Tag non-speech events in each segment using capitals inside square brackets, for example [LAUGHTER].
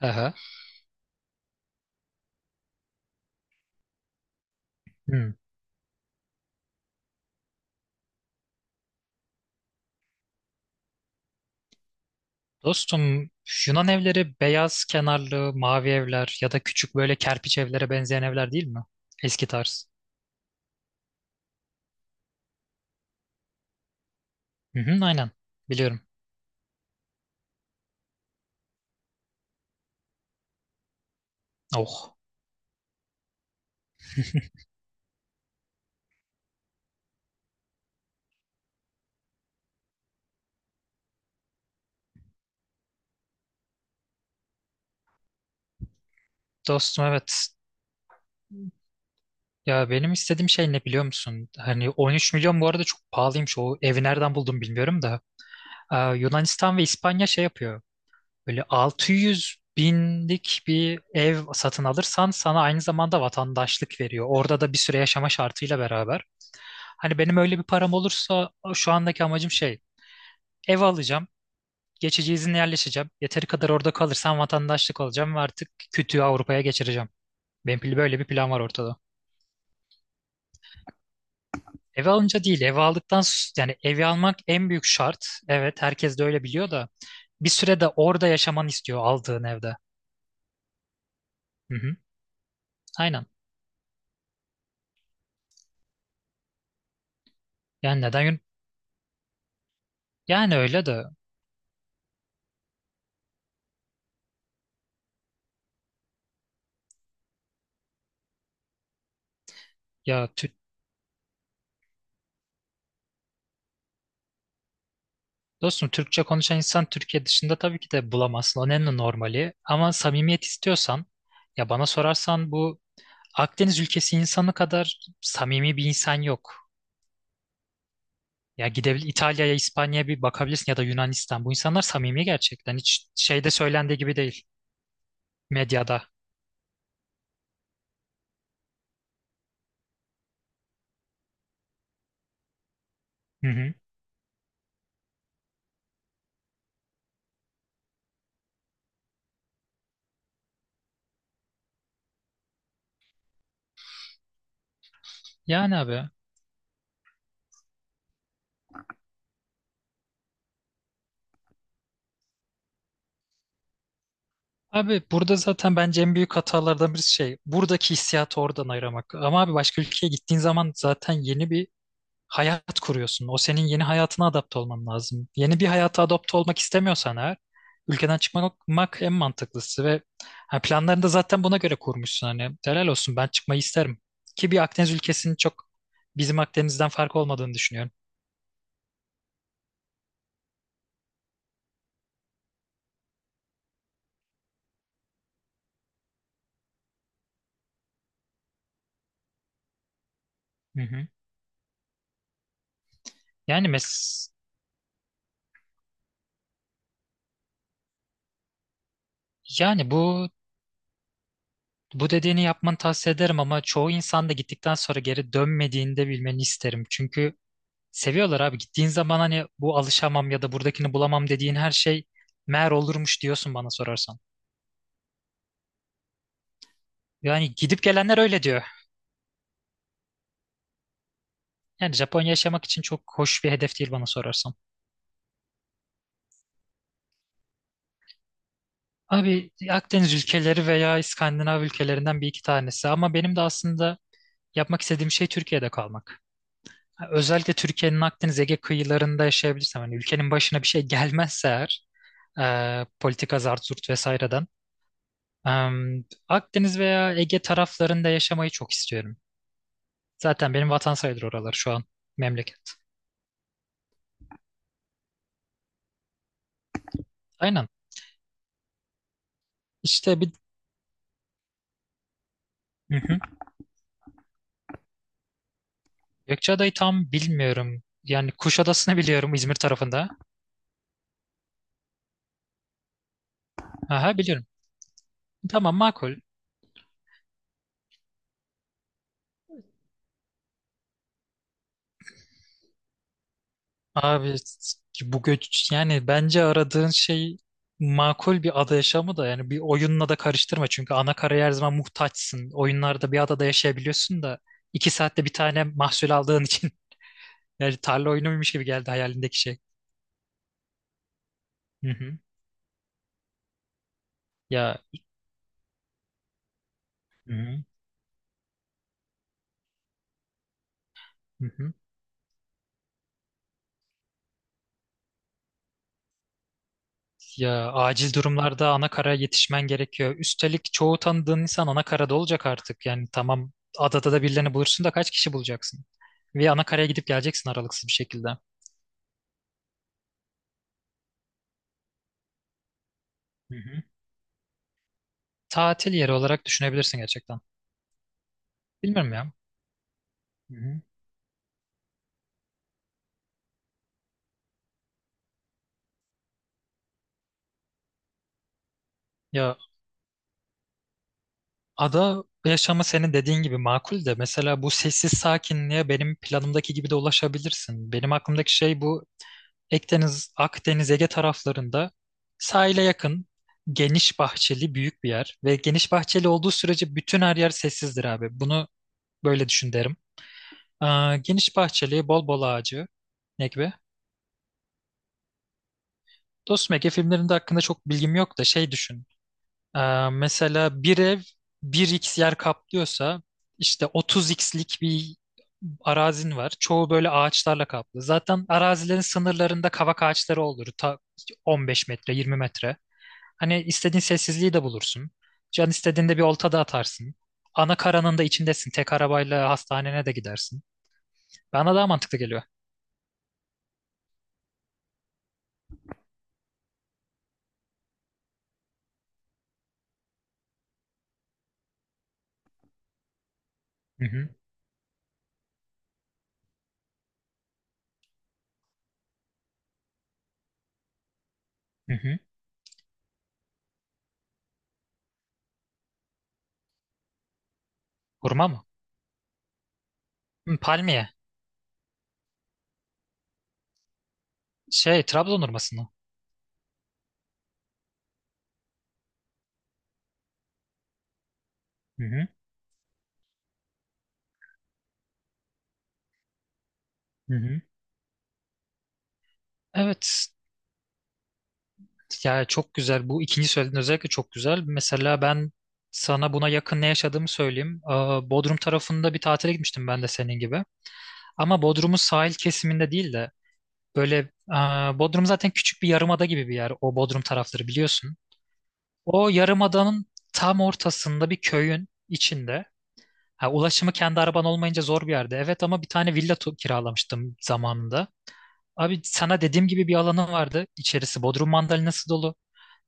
Aha. Hmm. Dostum Yunan evleri beyaz kenarlı mavi evler ya da küçük böyle kerpiç evlere benzeyen evler değil mi? Eski tarz. Hı hı, aynen. Biliyorum. Oh. Dostum evet. Ya benim istediğim şey ne biliyor musun? Hani 13 milyon bu arada çok pahalıymış. O evi nereden buldum bilmiyorum da. Yunanistan ve İspanya şey yapıyor. Böyle 600 binlik bir ev satın alırsan sana aynı zamanda vatandaşlık veriyor. Orada da bir süre yaşama şartıyla beraber. Hani benim öyle bir param olursa şu andaki amacım şey ev alacağım. Geçici izinle yerleşeceğim. Yeteri kadar orada kalırsam vatandaşlık alacağım ve artık kütüğü Avrupa'ya geçireceğim. Benim böyle bir plan var ortada. Evi alınca değil, evi aldıktan yani evi almak en büyük şart. Evet, herkes de öyle biliyor da bir süre de orada yaşamanı istiyor aldığın evde. Hı hı, aynen. Yani neden. Yani öyle de. Ya Tür- dostum Türkçe konuşan insan Türkiye dışında tabii ki de bulamazsın. O en normali. Ama samimiyet istiyorsan ya bana sorarsan bu Akdeniz ülkesi insanı kadar samimi bir insan yok. Ya gidebilir İtalya'ya, İspanya'ya bir bakabilirsin ya da Yunanistan. Bu insanlar samimi gerçekten. Hiç şeyde söylendiği gibi değil medyada. Hı hı. Yani abi. Abi burada zaten bence en büyük hatalardan birisi şey buradaki hissiyatı oradan ayıramak. Ama abi başka ülkeye gittiğin zaman zaten yeni bir hayat kuruyorsun. O senin yeni hayatına adapte olman lazım. Yeni bir hayata adapte olmak istemiyorsan eğer ülkeden çıkmak en mantıklısı ve ha, planlarını da zaten buna göre kurmuşsun. Hani helal olsun ben çıkmayı isterim. Ki bir Akdeniz ülkesinin çok bizim Akdeniz'den farkı olmadığını düşünüyorum. Hı hı. Yani mes yani bu dediğini yapmanı tavsiye ederim ama çoğu insan da gittikten sonra geri dönmediğini de bilmeni isterim. Çünkü seviyorlar abi. Gittiğin zaman hani bu alışamam ya da buradakini bulamam dediğin her şey meğer olurmuş diyorsun bana sorarsan. Yani gidip gelenler öyle diyor. Yani Japonya yaşamak için çok hoş bir hedef değil bana sorarsan. Abi Akdeniz ülkeleri veya İskandinav ülkelerinden bir iki tanesi ama benim de aslında yapmak istediğim şey Türkiye'de kalmak. Özellikle Türkiye'nin Akdeniz Ege kıyılarında yaşayabilirsem hani ülkenin başına bir şey gelmezse eğer politika zart zurt vesaireden. e, Akdeniz veya Ege taraflarında yaşamayı çok istiyorum. Zaten benim vatan sayılır oralar şu an memleket. Aynen. İşte bir. Hı hı. Gökçeada'yı tam bilmiyorum. Yani Kuşadası'nı biliyorum İzmir tarafında. Aha biliyorum. Tamam makul. Abi bu göç yani bence aradığın şey makul bir ada yaşamı da yani bir oyunla da karıştırma çünkü ana karaya her zaman muhtaçsın. Oyunlarda bir adada yaşayabiliyorsun da iki saatte bir tane mahsul aldığın için [LAUGHS] yani tarla oyunuymuş gibi geldi hayalindeki şey. Hı hı. Ya hı hı. Hı hı. Ya acil durumlarda ana karaya yetişmen gerekiyor. Üstelik çoğu tanıdığın insan ana karada olacak artık. Yani tamam adada da birilerini bulursun da kaç kişi bulacaksın? Ve ana karaya gidip geleceksin aralıksız bir şekilde. Hı hı. Tatil yeri olarak düşünebilirsin gerçekten. Bilmiyorum ya. Hı hı. Ya ada yaşamı senin dediğin gibi makul de mesela bu sessiz sakinliğe benim planımdaki gibi de ulaşabilirsin. Benim aklımdaki şey bu Akdeniz, Ege taraflarında sahile yakın, geniş bahçeli büyük bir yer. Ve geniş bahçeli olduğu sürece bütün her yer sessizdir abi. Bunu böyle düşün derim. Geniş bahçeli, bol bol ağacı. Ne gibi? Dostum Ege filmlerinde hakkında çok bilgim yok da şey düşün. Mesela bir ev bir x yer kaplıyorsa işte 30x'lik bir arazin var. Çoğu böyle ağaçlarla kaplı. Zaten arazilerin sınırlarında kavak ağaçları olur. Ta 15 metre, 20 metre. Hani istediğin sessizliği de bulursun. Can istediğinde bir olta da atarsın. Ana karanın da içindesin. Tek arabayla hastanene de gidersin. Bana daha mantıklı geliyor. Hı hı. Hı hı. Hurma mı? Hı, palmiye. Şey, Trabzon hurması mı? Hı hı. Hı hı. Evet. Ya çok güzel. Bu ikinci söylediğin özellikle çok güzel. Mesela ben sana buna yakın ne yaşadığımı söyleyeyim. Bodrum tarafında bir tatile gitmiştim ben de senin gibi. Ama Bodrum'un sahil kesiminde değil de böyle Bodrum zaten küçük bir yarımada gibi bir yer. O Bodrum tarafları biliyorsun. O yarımadanın tam ortasında bir köyün içinde. Ha, ulaşımı kendi araban olmayınca zor bir yerde. Evet ama bir tane villa kiralamıştım zamanında. Abi sana dediğim gibi bir alanı vardı. İçerisi Bodrum mandalinası dolu.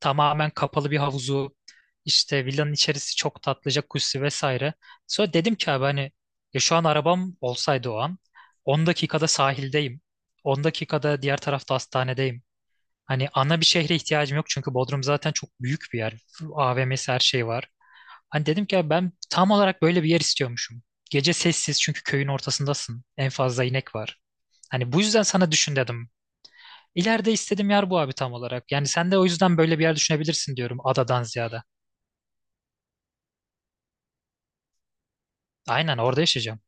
Tamamen kapalı bir havuzu. İşte villanın içerisi çok tatlıca kuşu vesaire. Sonra dedim ki abi hani ya şu an arabam olsaydı o an 10 dakikada sahildeyim. 10 dakikada diğer tarafta hastanedeyim. Hani ana bir şehre ihtiyacım yok çünkü Bodrum zaten çok büyük bir yer. AVM'si her şey var. Hani dedim ki "Ya ben tam olarak böyle bir yer istiyormuşum. Gece sessiz çünkü köyün ortasındasın. En fazla inek var. Hani bu yüzden sana düşün dedim. İleride istediğim yer bu abi tam olarak. Yani sen de o yüzden böyle bir yer düşünebilirsin diyorum adadan ziyade. Aynen orada yaşayacağım.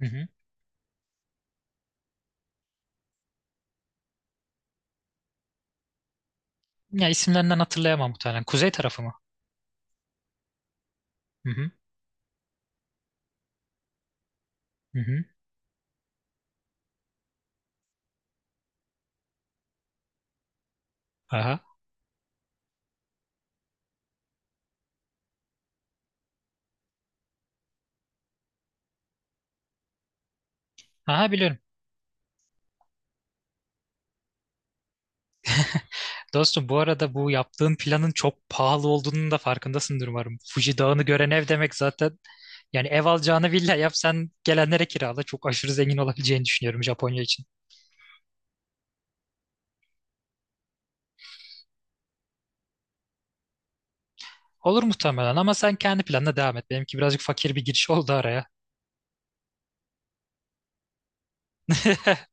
Hı hı. Ya isimlerinden hatırlayamam muhtemelen. Kuzey tarafı mı? Hı hı. Hı hı. Aha. Aha biliyorum. Dostum bu arada bu yaptığın planın çok pahalı olduğunun da farkındasındır umarım. Fuji Dağı'nı gören ev demek zaten yani ev alacağını villa yap sen gelenlere kirala çok aşırı zengin olabileceğini düşünüyorum Japonya için. Olur muhtemelen ama sen kendi planına devam et. Benimki birazcık fakir bir giriş oldu araya. [LAUGHS]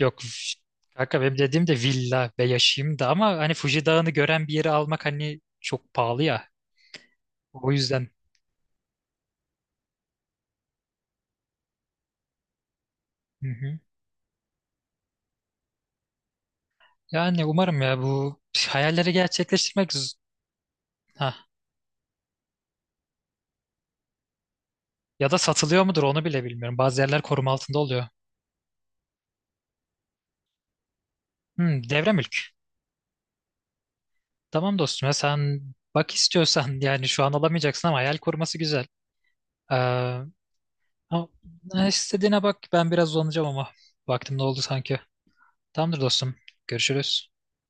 Yok üf, kanka benim dediğim de villa ve yaşayayım da ama hani Fuji Dağı'nı gören bir yeri almak hani çok pahalı ya. O yüzden. Hı hı. Yani umarım ya bu hayalleri gerçekleştirmek. Ya da satılıyor mudur onu bile bilmiyorum. Bazı yerler koruma altında oluyor. Hmm, devre mülk. Tamam dostum ya sen bak istiyorsan [LAUGHS] yani şu an alamayacaksın ama hayal koruması güzel. Ee, ama istediğine bak ben biraz uzanacağım ama vaktim doldu sanki. Tamamdır dostum. Görüşürüz.